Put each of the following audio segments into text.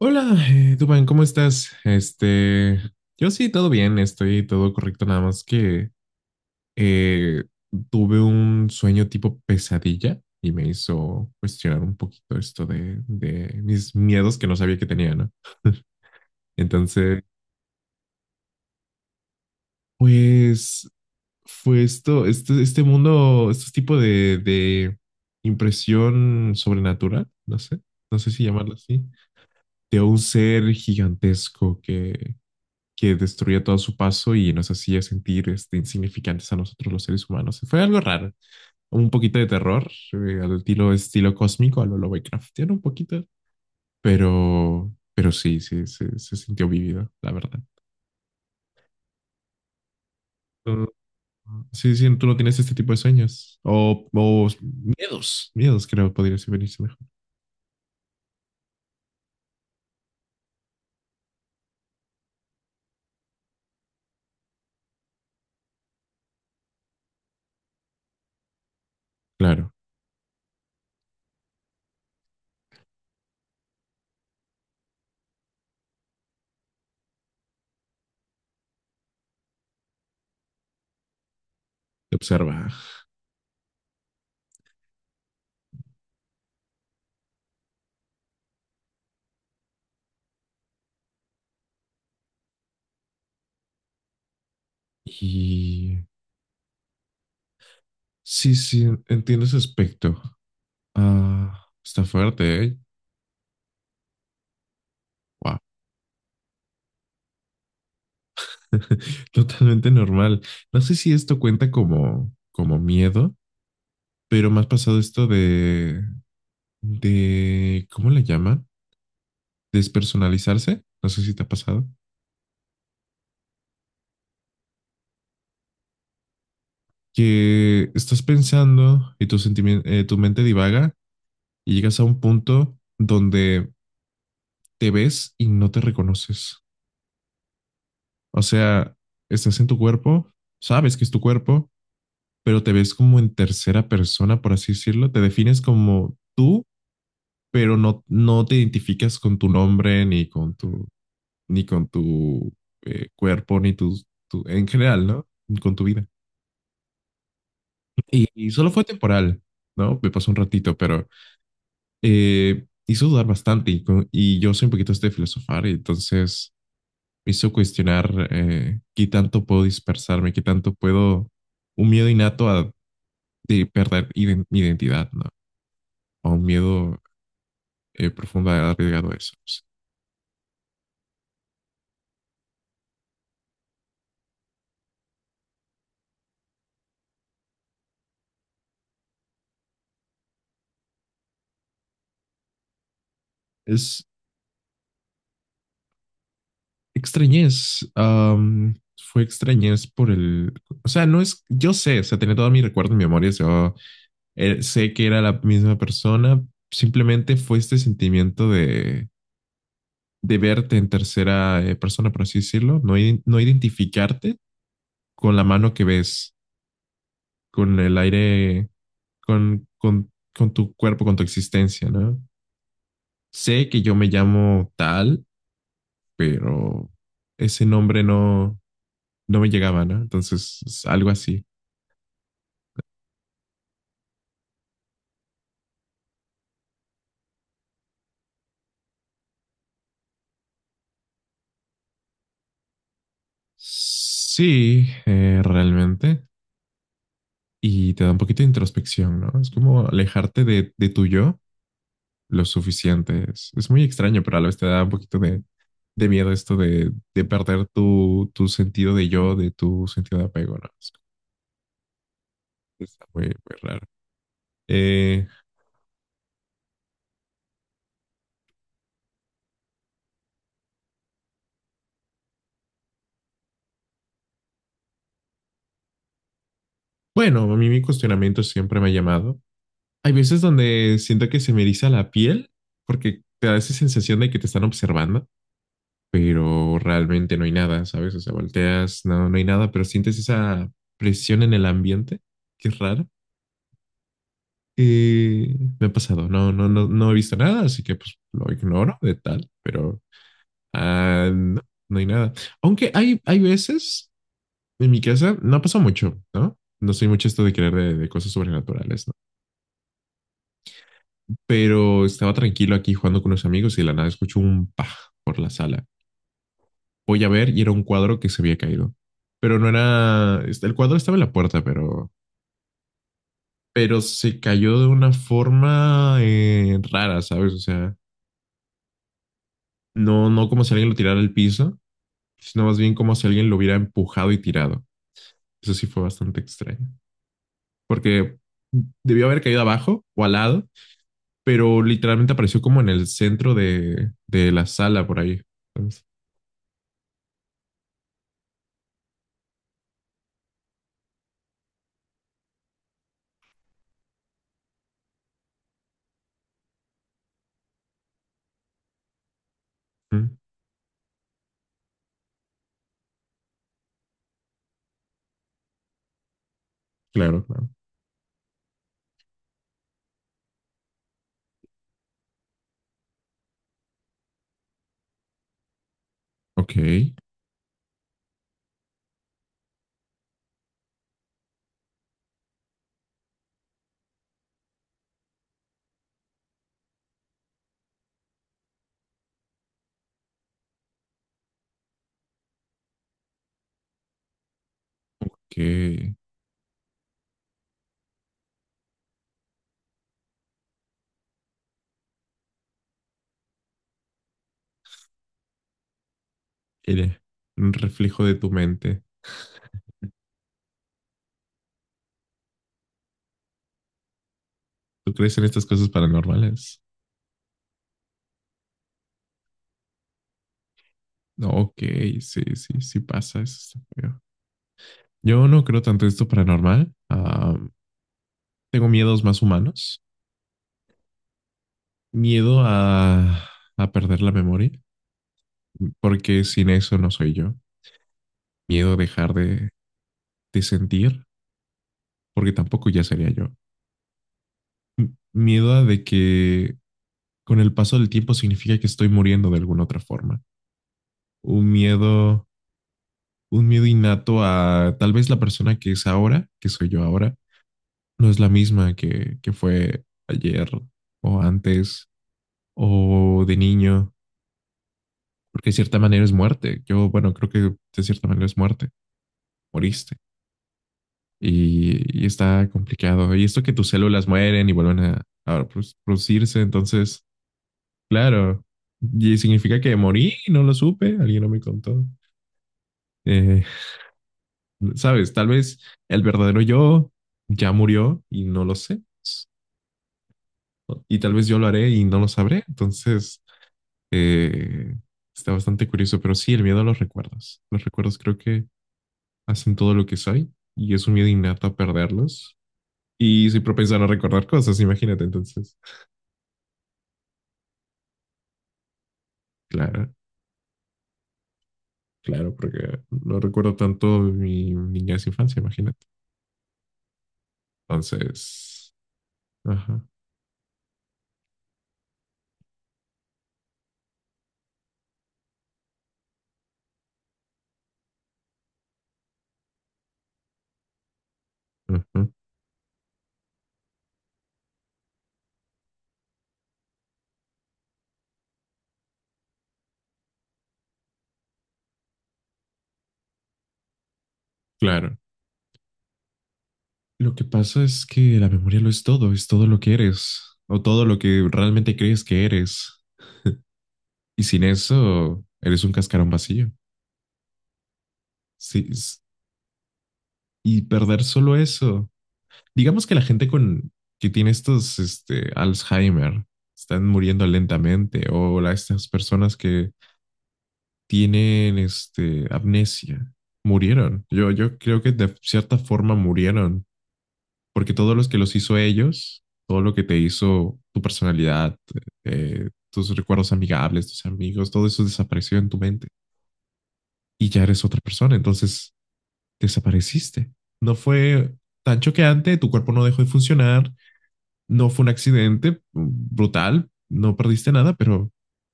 Hola, Dubán, ¿cómo estás? Yo sí, todo bien, estoy todo correcto, nada más que eh, tuve un sueño tipo pesadilla y me hizo cuestionar un poquito esto de mis miedos que no sabía que tenía, ¿no? Entonces, pues fue esto, este mundo, este tipo de impresión sobrenatural, no sé, no sé si llamarlo así, de un ser gigantesco que destruía todo a su paso y nos hacía sentir este, insignificantes a nosotros los seres humanos. Fue algo raro, un poquito de terror, al estilo, estilo cósmico, a lo Lovecraftiano un poquito, pero sí, sí, se sintió vivido, la verdad. Tú- Sí, sí, tú no tienes este tipo de sueños o miedos, miedos creo podría ser venirse mejor. Claro, te observa. Y sí, sí, entiendo ese aspecto. Ah, está fuerte, ¿eh? Wow. Totalmente normal. No sé si esto cuenta como, como miedo, pero más pasado esto de, ¿cómo le llaman? Despersonalizarse. No sé si te ha pasado. Que estás pensando y tu mente divaga y llegas a un punto donde te ves y no te reconoces. O sea, estás en tu cuerpo, sabes que es tu cuerpo, pero te ves como en tercera persona, por así decirlo. Te defines como tú pero no, no te identificas con tu nombre, ni con tu, ni con tu cuerpo, ni tus- tu, en general, ¿no? Con tu vida. Y solo fue temporal, ¿no? Me pasó un ratito, pero hizo dudar bastante y yo soy un poquito este de filosofar, y entonces me hizo cuestionar qué tanto puedo dispersarme, qué tanto puedo, un miedo innato a, de perder mi identidad, ¿no? O un miedo profundo a arriesgado a eso. Es, Extrañez, fue extrañez por el, o sea, no es, yo sé, o sea, tenía todo mi recuerdo en mi memoria, yo sé que era la misma persona, simplemente fue este sentimiento de verte en tercera persona, por así decirlo, no, no identificarte con la mano que ves, con el aire, con tu cuerpo, con tu existencia, ¿no? Sé que yo me llamo tal, pero ese nombre no, no me llegaba, ¿no? Entonces, es algo así. Sí, realmente. Y te da un poquito de introspección, ¿no? Es como alejarte de tu yo lo suficiente. Es muy extraño, pero a la vez te da un poquito de miedo esto de perder tu, tu sentido de yo, de tu sentido de apego, ¿no? Es, está muy, muy raro. Eh, bueno, a mí mi cuestionamiento siempre me ha llamado. Hay veces donde siento que se me eriza la piel porque te da esa sensación de que te están observando pero realmente no hay nada, ¿sabes? O sea, volteas, no, no hay nada, pero sientes esa presión en el ambiente, que es rara. Me ha pasado, no, no, no, no he visto nada, así que pues lo ignoro de tal, pero no, no hay nada. Aunque hay veces en mi casa, no ha pasado mucho, ¿no? No soy mucho esto de creer de cosas sobrenaturales, ¿no? Pero estaba tranquilo aquí jugando con unos amigos y de la nada escucho un pa por la sala. Voy a ver y era un cuadro que se había caído. Pero no era, este, el cuadro estaba en la puerta, pero se cayó de una forma rara, ¿sabes? O sea, no, no como si alguien lo tirara al piso, sino más bien como si alguien lo hubiera empujado y tirado. Eso sí fue bastante extraño, porque debió haber caído abajo o al lado, pero literalmente apareció como en el centro de la sala por ahí. Entonces, mm, claro, claro. Ok, que era un reflejo de tu mente. ¿Tú crees en estas cosas paranormales? No, ok, sí, sí, sí pasa, eso está feo. Yo no creo tanto en esto paranormal. Ah, tengo miedos más humanos. Miedo a perder la memoria, porque sin eso no soy yo. Miedo a dejar de sentir, porque tampoco ya sería yo. Miedo a de que con el paso del tiempo significa que estoy muriendo de alguna otra forma. Un miedo, un miedo innato a tal vez la persona que es ahora, que soy yo ahora, no es la misma que fue ayer o antes o de niño, porque de cierta manera es muerte. Yo, bueno, creo que de cierta manera es muerte, moriste. Y está complicado. Y esto que tus células mueren y vuelven a producirse, entonces, claro, y significa que morí y no lo supe, alguien no me contó. Eh, Sabes, tal vez el verdadero yo ya murió y no lo sé. Y tal vez yo lo haré y no lo sabré. Entonces, Eh, está bastante curioso, pero sí, el miedo a los recuerdos. Los recuerdos creo que hacen todo lo que soy y es un miedo innato a perderlos. Y soy propenso a no recordar cosas, imagínate entonces. Claro, claro, porque no recuerdo tanto mi niñez e infancia, imagínate. Entonces, ajá, ajá, claro. Lo que pasa es que la memoria lo es todo lo que eres o todo lo que realmente crees que eres. Y sin eso, eres un cascarón vacío. Sí, y perder solo eso. Digamos que la gente con que tiene estos, este, Alzheimer, están muriendo lentamente, o la- estas personas que tienen, este, amnesia, murieron. Yo creo que de cierta forma murieron, porque todos los que los hizo ellos, todo lo que te hizo tu personalidad, tus recuerdos amigables, tus amigos, todo eso desapareció en tu mente y ya eres otra persona. Entonces desapareciste. No fue tan choqueante, tu cuerpo no dejó de funcionar, no fue un accidente brutal, no perdiste nada, pero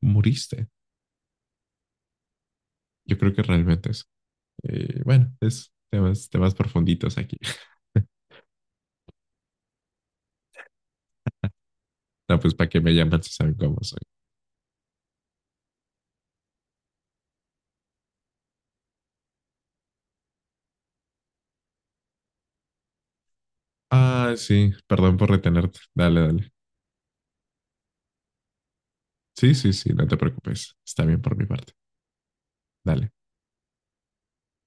moriste. Yo creo que realmente es. Bueno, es temas, temas profunditos aquí. No, pues para que me llaman si saben cómo soy. Ah, sí, perdón por retenerte. Dale, dale. Sí, sí, sí, no te preocupes. Está bien por mi parte. Dale.